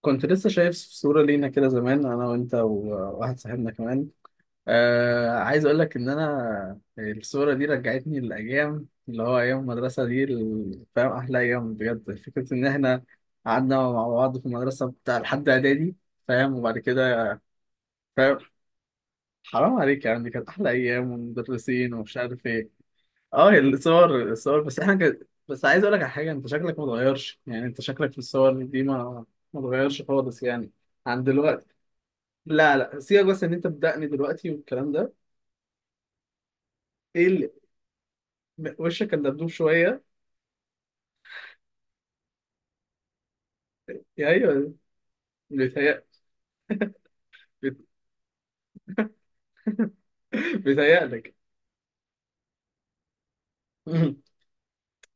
كنت لسه شايف صورة لينا كده زمان، أنا وأنت وواحد صاحبنا كمان. عايز أقول لك إن أنا الصورة دي رجعتني للأيام اللي هو أيام المدرسة دي. فاهم؟ أحلى أيام بجد. فكرة إن إحنا قعدنا مع بعض في المدرسة بتاع لحد إعدادي، فاهم؟ وبعد كده فاهم، حرام عليك، يعني كانت أحلى أيام ومدرسين ومش عارف إيه. أه الصور الصور، بس إحنا كان، بس عايز أقول لك على حاجة، أنت شكلك متغيرش، يعني أنت شكلك في الصور دي ما متغيرش خالص يعني، عن دلوقتي. لا لا سيبك، بس ان انت بدقني دلوقتي والكلام ده. ايه اللي، وشك كان دبدوب شويه. يا ايوه، بيتهيأ. بيتهيألك.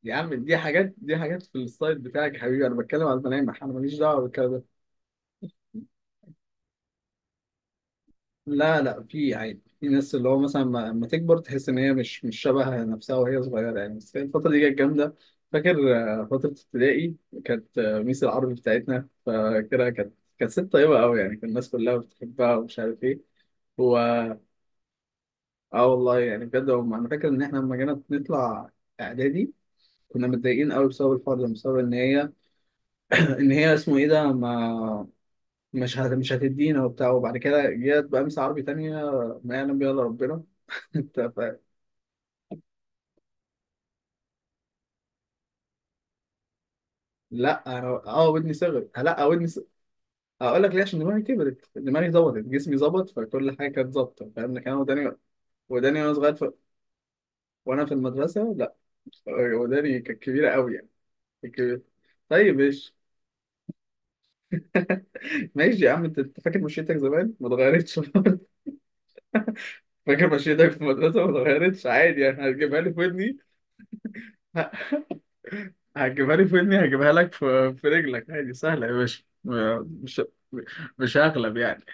يا عم دي حاجات، دي حاجات في الستايل بتاعك يا حبيبي، انا بتكلم على الملامح، انا ماليش دعوه بالكلام ده. لا لا في عادي، في ناس اللي هو مثلا لما تكبر تحس ان هي مش شبه نفسها وهي صغيره يعني، بس كانت الفتره دي كانت جامده. فاكر فتره ابتدائي؟ كانت ميس العربي بتاعتنا فاكرها، كانت ست طيبه قوي يعني، كان الناس كلها بتحبها ومش عارف ايه. اه والله يعني بجد هم، انا فاكر ان احنا لما جينا نطلع اعدادي كنا متضايقين قوي بسبب الحوار ده، بسبب ان هي ان هي اسمه ايه ده، ما مش هتدينا وبتاع، وبعد كده جت بقى مس عربي تانية ما يعلم بيها الا ربنا. انت فاهم؟ لا انا اه ودني صغرت، لا ودني صغرت. اقول لك ليه، عشان دماغي كبرت، دماغي ظبطت، جسمي ظبط، فكل حاجه كانت ظابطه فاهم، لكن انا وداني، وداني وانا صغير وانا في المدرسه، لا وداني كانت كبيره قوي يعني، كانت كبيره. طيب ايش. ماشي يا عم انت، أنت فاكر مشيتك زمان ما اتغيرتش؟ فاكر مشيتك في المدرسه ما اتغيرتش عادي يعني؟ هتجيبها لي في ودني؟ ه- هتجيبها لي في ودني، هجيبها لك في رجلك عادي، سهله يا باشا. مش، مش هغلب يعني.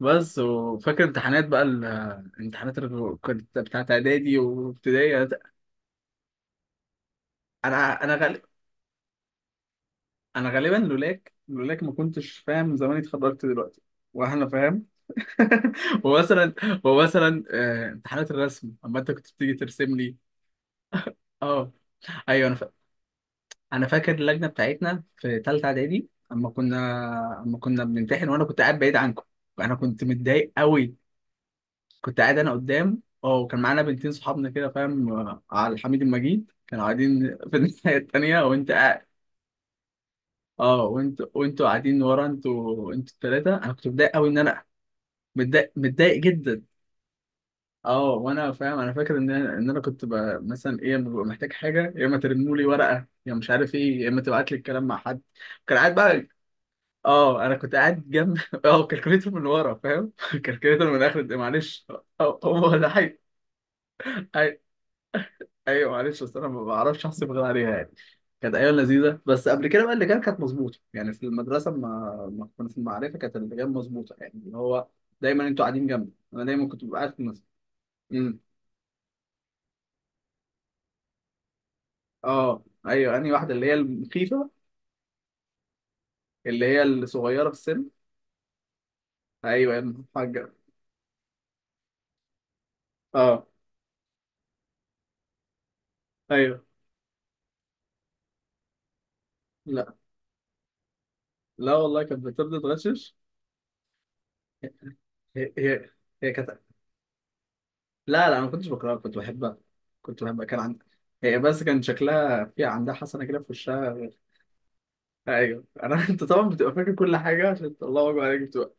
بس وفاكر امتحانات بقى، الامتحانات اللي كنت بتاعت اعدادي وابتدائي. انا انا غالب، انا غالبا لولاك، لولاك ما كنتش فاهم، زماني اتخرجت دلوقتي. واحنا فاهم. ومثلا، ومثلا امتحانات الرسم، اما انت كنت بتيجي ترسم لي. اه ايوه انا انا فاكر اللجنه بتاعتنا في ثالثه اعدادي اما كنا، اما كنا بنمتحن وانا كنت قاعد بعيد عنكم، انا كنت متضايق قوي. كنت قاعد انا قدام اه، وكان معانا بنتين صحابنا كده فاهم، على الحميد المجيد كانوا قاعدين في الناحيه التانيه وانت قاعد، اه. وانت، وانتوا قاعدين ورا، انتوا انتوا الثلاثه، انا كنت متضايق قوي ان انا، متضايق متضايق جدا. اه وانا فاهم، انا فاكر ان انا، ان انا كنت بقى مثلا ايه لما ببقى محتاج حاجه، يا اما ترنوا لي ورقه يا مش عارف ايه، يا اما تبعت لي الكلام مع حد. كان قاعد بقى. اه انا كنت قاعد جنب، اه كالكوليتر من ورا فاهم، كالكوليتر من اخر معلش. اه هو ولا حاجه. أي- ايوه معلش، بس انا ما بعرفش احسب غير عليها يعني. كانت ايام لذيذه، بس قبل كده بقى اللي كان كانت مظبوطه يعني في المدرسه، ما ما كنا في المعرفه، كانت اللي كانت مظبوطه يعني اللي هو دايما انتوا قاعدين جنبي، انا دايما كنت ببقى قاعد في المدرسة. إمم. اه ايوه، انهي واحده اللي هي المخيفه؟ اللي هي الصغيره في السن؟ ايوه المحجبه، اه ايوه. لا لا والله كانت بتبدا تغشش. هي هي، هي كانت، لا لا انا ما كنتش بكرهها، كنت بحبها، كنت بحبها، كان عندها. هي بس كان شكلها في، عندها حسنه كده في وشها. ايوه انا، انت طبعا بتبقى فاكر كل حاجه، عشان الله اكبر عليك بتبقى.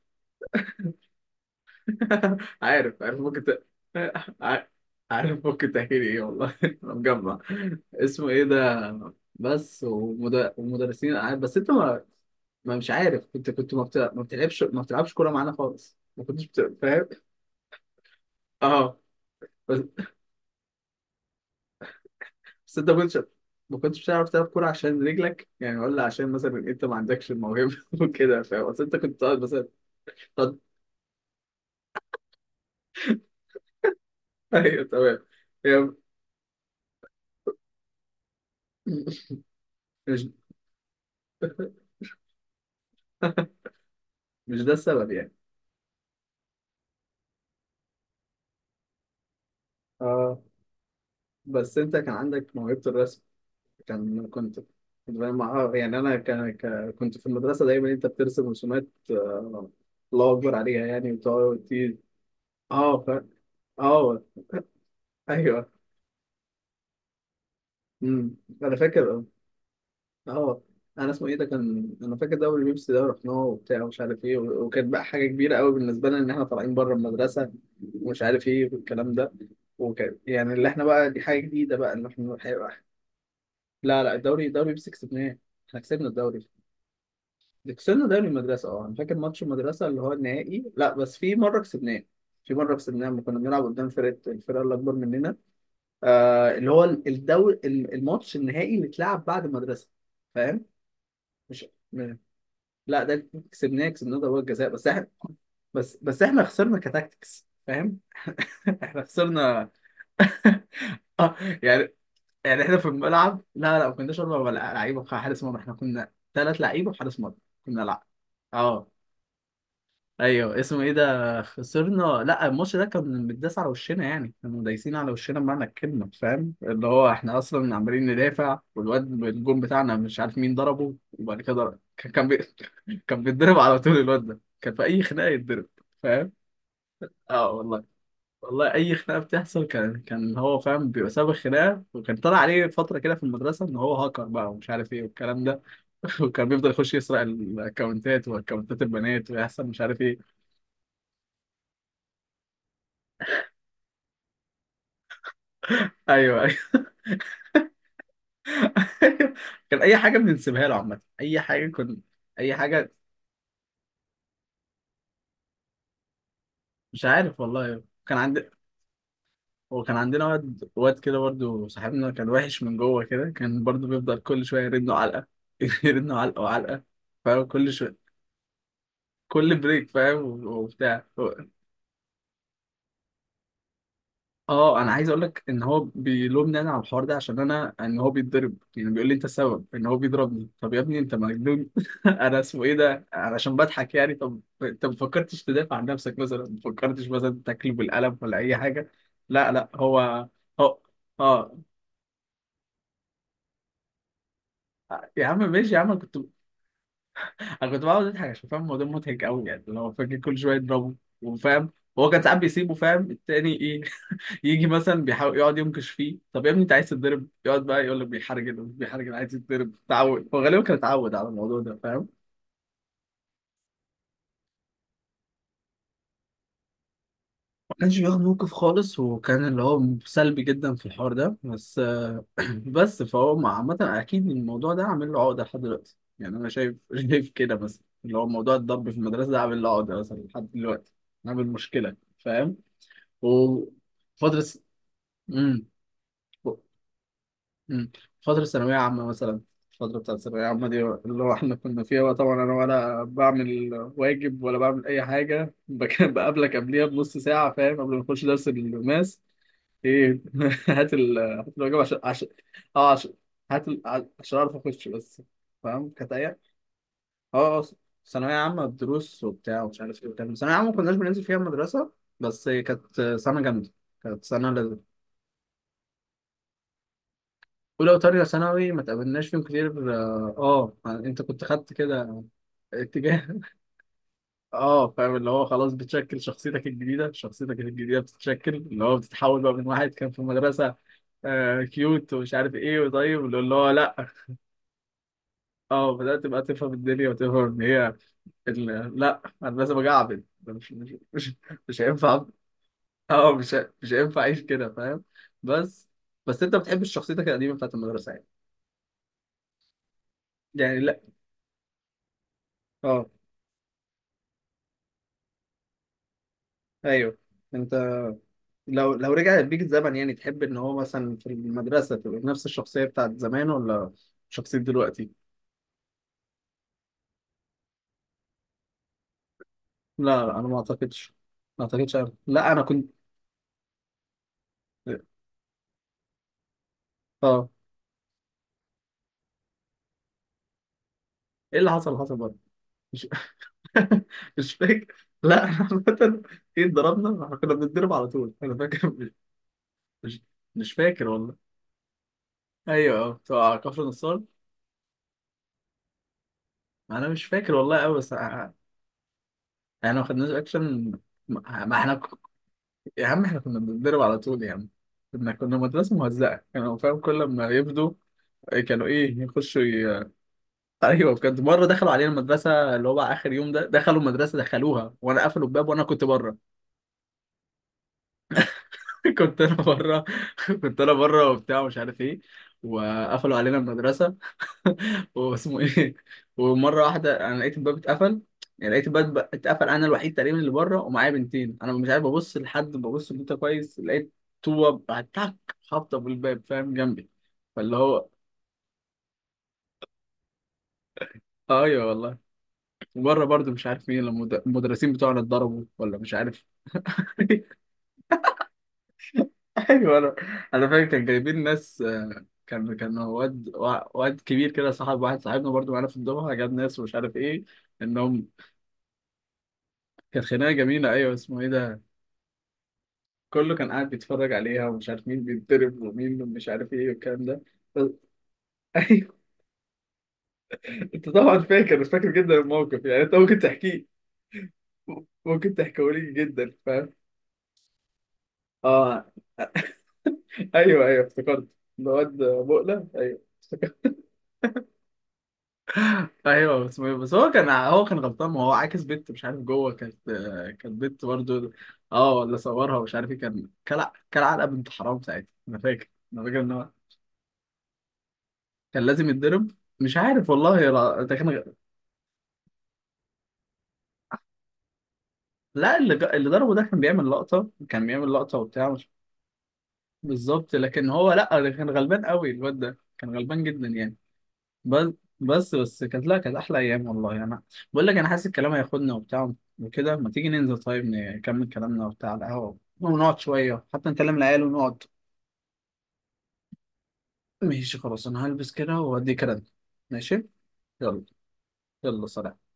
عارف عارف ممكن ع- عارف ممكن تحكي لي ايه والله، انا مجمع اسمه ايه ده، بس ومدرسين بس انت ما مش عارف، كنت كنت ما, ما بتلعبش، ما بتلعبش كوره معانا خالص، ما كنتش فاهم. اه، بس... بس انت ما كنتش، ما كنتش بتعرف تلعب كوره عشان رجلك يعني، ولا عشان مثلا انت ما عندكش الموهبه وكده فاهم؟ بس انت كنت تقعد مثلا، تقعد- ايوه تمام. يعني مش مش ده السبب يعني. اه بس انت كان عندك موهبة الرسم، كان كنت، كنت فاهم يعني انا كان كنت في المدرسة دايما انت بترسم رسومات، الله اكبر عليها يعني، وتقعد اه اه ايوه. امم، انا فاكر اه. آه، انا اسمه ايه ده، كان انا فاكر دوري بيبسي ده رحناه وبتاع ومش عارف ايه، وكانت بقى حاجة كبيرة قوي بالنسبة لنا ان احنا طالعين بره المدرسة ومش عارف ايه والكلام ده، وكان يعني اللي احنا بقى دي حاجة جديدة بقى ان احنا لا لا الدوري، الدوري بيبسي كسبناه، احنا كسبنا الدوري. ده كسبنا دوري المدرسة اه، انا فاكر ماتش المدرسة اللي هو النهائي، لا بس في مرة كسبناه، في مرة كسبناه لما كنا بنلعب قدام فرقة، الفرقة اللي أكبر مننا، آه اللي هو الدوري الماتش النهائي اللي اتلعب بعد المدرسة. فاهم؟ مش، م- لا ده اللي كسبناه، كسبناه ضربات جزاء، بس احنا، بس بس احنا خسرنا كتاكتكس فاهم؟ احنا خسرنا. آه يعني، يعني احنا في الملعب، لا لا ما كناش أربع لعيبة وحارس مرمى، احنا كنا ثلاث لعيبة وحارس مرمى. كنا لا، اه ايوه اسمه ايه ده. خسرنا، لا الماتش ده كان متداس على وشنا يعني، كانوا دايسين على وشنا بمعنى الكلمه فاهم، اللي هو احنا اصلا عمالين ندافع، والواد الجون بتاعنا مش عارف مين ضربه، وبعد كده ضرب. كان كان بيتضرب على طول الواد ده، كان في اي خناقه يتضرب فاهم. اه والله، والله اي خناقه بتحصل كان هو فاهم بيبقى سبب الخناقه. وكان طلع عليه فتره كده في المدرسه ان هو هاكر بقى ومش عارف ايه والكلام ده، وكان بيفضل يخش يسرق الاكونتات واكونتات البنات ويحصل مش عارف ايه. ايوه أيوه. كان اي حاجه بنسيبها له عامه، اي حاجه كنت، اي حاجه. مش عارف والله، كان عندي، وكان عندنا واد، واد كده برضو صاحبنا، كان وحش من جوه كده، كان برضو بيفضل كل شويه يرن له علقه، يرن له علقه وعلقه فاهم كل شويه، كل بريك فاهم وبتاع. اه انا عايز اقول لك ان هو بيلومني انا على الحوار ده، عشان انا ان هو بيتضرب، يعني بيقول لي انت السبب ان هو بيضربني. طب يا ابني انت مجنون، انا اسمه ايه ده علشان بضحك يعني. طب انت ما فكرتش تدافع عن نفسك مثلا، ما فكرتش مثلا تاكله بالقلم ولا اي حاجه؟ لا لا هو، هو اه. يا عم ماشي يا عم، انا كنت، انا كنت بقعد اضحك عشان فاهم الموضوع مضحك قوي يعني، اللي هو فاكر كل شويه يضربه وفاهم. هو كان ساعات بيسيبه فاهم، التاني ايه، يجي مثلا بيحاول يقعد ينكش فيه. طب يا ابني انت عايز تتضرب، يقعد بقى يقول لك بيحرجل، مش بيحرجل عايز يتضرب، تعود، هو غالبا كان اتعود على الموضوع ده فاهم. ما كانش بياخد موقف خالص، وكان اللي هو سلبي جدا في الحوار ده، بس بس فهو عامة اكيد الموضوع ده عامل له عقدة لحد دلوقتي يعني، انا شايف، شايف كده مثلا اللي هو موضوع الضرب في المدرسة ده عامل له عقدة مثلا لحد دلوقتي، عامل مشكلة فاهم. وفترة، امم، مم. فترة ثانوية عامة مثلا، الفترة بتاعت الثانوية عامة دي اللي هو احنا كنا فيها بقى، طبعا أنا ولا بعمل واجب ولا بعمل أي حاجة، بقابلك قبليها بنص ساعة فاهم، قبل ما نخش درس الماس. إيه، هات الواجب عشان، عشان أه عشان، عشان أعرف أخش بس فاهم. كانت أيام. أه ثانوية عامة الدروس وبتاع ومش عارف إيه وبتاع، ثانوية عامة ما كناش بننزل فيها المدرسة، بس كانت سنة جامدة، كانت سنة. اولى وتانية ثانوي ما تقابلناش فيهم كتير اه، يعني انت كنت خدت كده اتجاه. اه فاهم، اللي هو خلاص بتشكل شخصيتك الجديدة، شخصيتك الجديدة بتتشكل اللي هو، بتتحول بقى من واحد كان في المدرسة آه كيوت ومش عارف ايه وطيب اللي، اللي هو لا. اه بدأت بقى تفهم الدنيا وتفهم ان هي، لا انا لازم اجعبد ده، مش هينفع. اه مش هينفع اعيش كده فاهم. بس بس انت بتحب شخصيتك القديمة بتاعت المدرسة يعني؟ يعني لا، اه ايوه. انت لو، لو رجع بيك الزمن يعني تحب ان هو مثلا في المدرسة تبقى نفس الشخصية بتاعت زمان، ولا شخصية دلوقتي؟ لا لا انا ما اعتقدش، ما اعتقدش أنا. لا انا كنت اه. ايه اللي حصل؟ حصل برضه. مش، مش فاكر. لا احنا عامة، ايه اتضربنا؟ احنا كنا بنتضرب على طول، انا فاكر، مش مش مش فاكر والله. ايوه اه بتوع كفر نصار. انا مش فاكر والله قوي بس انا. ما خدناش اكشن. ما احنا، يا عم احنا كنا بنتدرب على طول يا عم، كنا مدرسة مهزأة، كانوا فاهم كل ما يفضوا، كانوا ايه يخشوا ايوه بجد مرة دخلوا علينا المدرسة، اللي هو بقى اخر يوم ده دخلوا المدرسة دخلوها وانا، قفلوا الباب وانا كنت بره. كنت انا بره، كنت انا بره وبتاع مش عارف ايه، وقفلوا علينا المدرسة، واسمه ايه. ومره واحده انا لقيت الباب اتقفل، يعني لقيت الباب اتقفل، انا الوحيد تقريبا اللي بره ومعايا بنتين، انا مش عارف ابص لحد، ببص لبنت كويس لقيت طوبه تك خابطه في الباب فاهم جنبي. فاللي هو، ايوه والله. وبره برضه مش عارف مين، لما المدرسين بتوعنا اتضربوا ولا مش عارف. ايوه انا، انا فاكر كان جايبين ناس كان واد واد كبير كده صاحب واحد صاحبنا برضه معانا في الدفعه، جاب ناس ومش عارف ايه انهم، كانت خناقه جميله ايوه اسمه ايه ده، كله كان قاعد بيتفرج عليها ومش عارف مين بيتضرب ومين مش عارف ايه والكلام ده. بس- ايوه. انت طبعا فاكر، فاكر جدا الموقف يعني، انت ممكن تحكيه، ممكن تحكيه لي جدا فاهم. اه ايوه ايوه افتكرت، الواد بقلة ايوه افتكرت. ايوه بس بس هو كان، هو كان غلطان، ما هو عاكس بنت مش عارف، جوه كانت، كانت بنت برضه. اه ولا صورها ومش عارف ايه، كان كلع كلع علقه بنت حرام ساعتها، انا فاكر، انا فاكر ان هو كان لازم يتضرب. مش عارف والله، ده كان، لا اللي ضربه ده كان بيعمل لقطة، كان بيعمل لقطة وبتاع، مش بالظبط، لكن هو لا ده كان غلبان قوي، الواد ده كان غلبان جدا يعني. بس، بس كانت، لا كانت أحلى أيام والله يعني. أنا بقول لك أنا حاسس الكلام هياخدنا وبتاع وكده، ما تيجي ننزل طيب نكمل كلامنا وبتاع على القهوة، ونقعد شوية حتى نكلم العيال ونقعد. ماشي خلاص، أنا هلبس كده وأدي كده. ماشي، يلا. يلا سلام.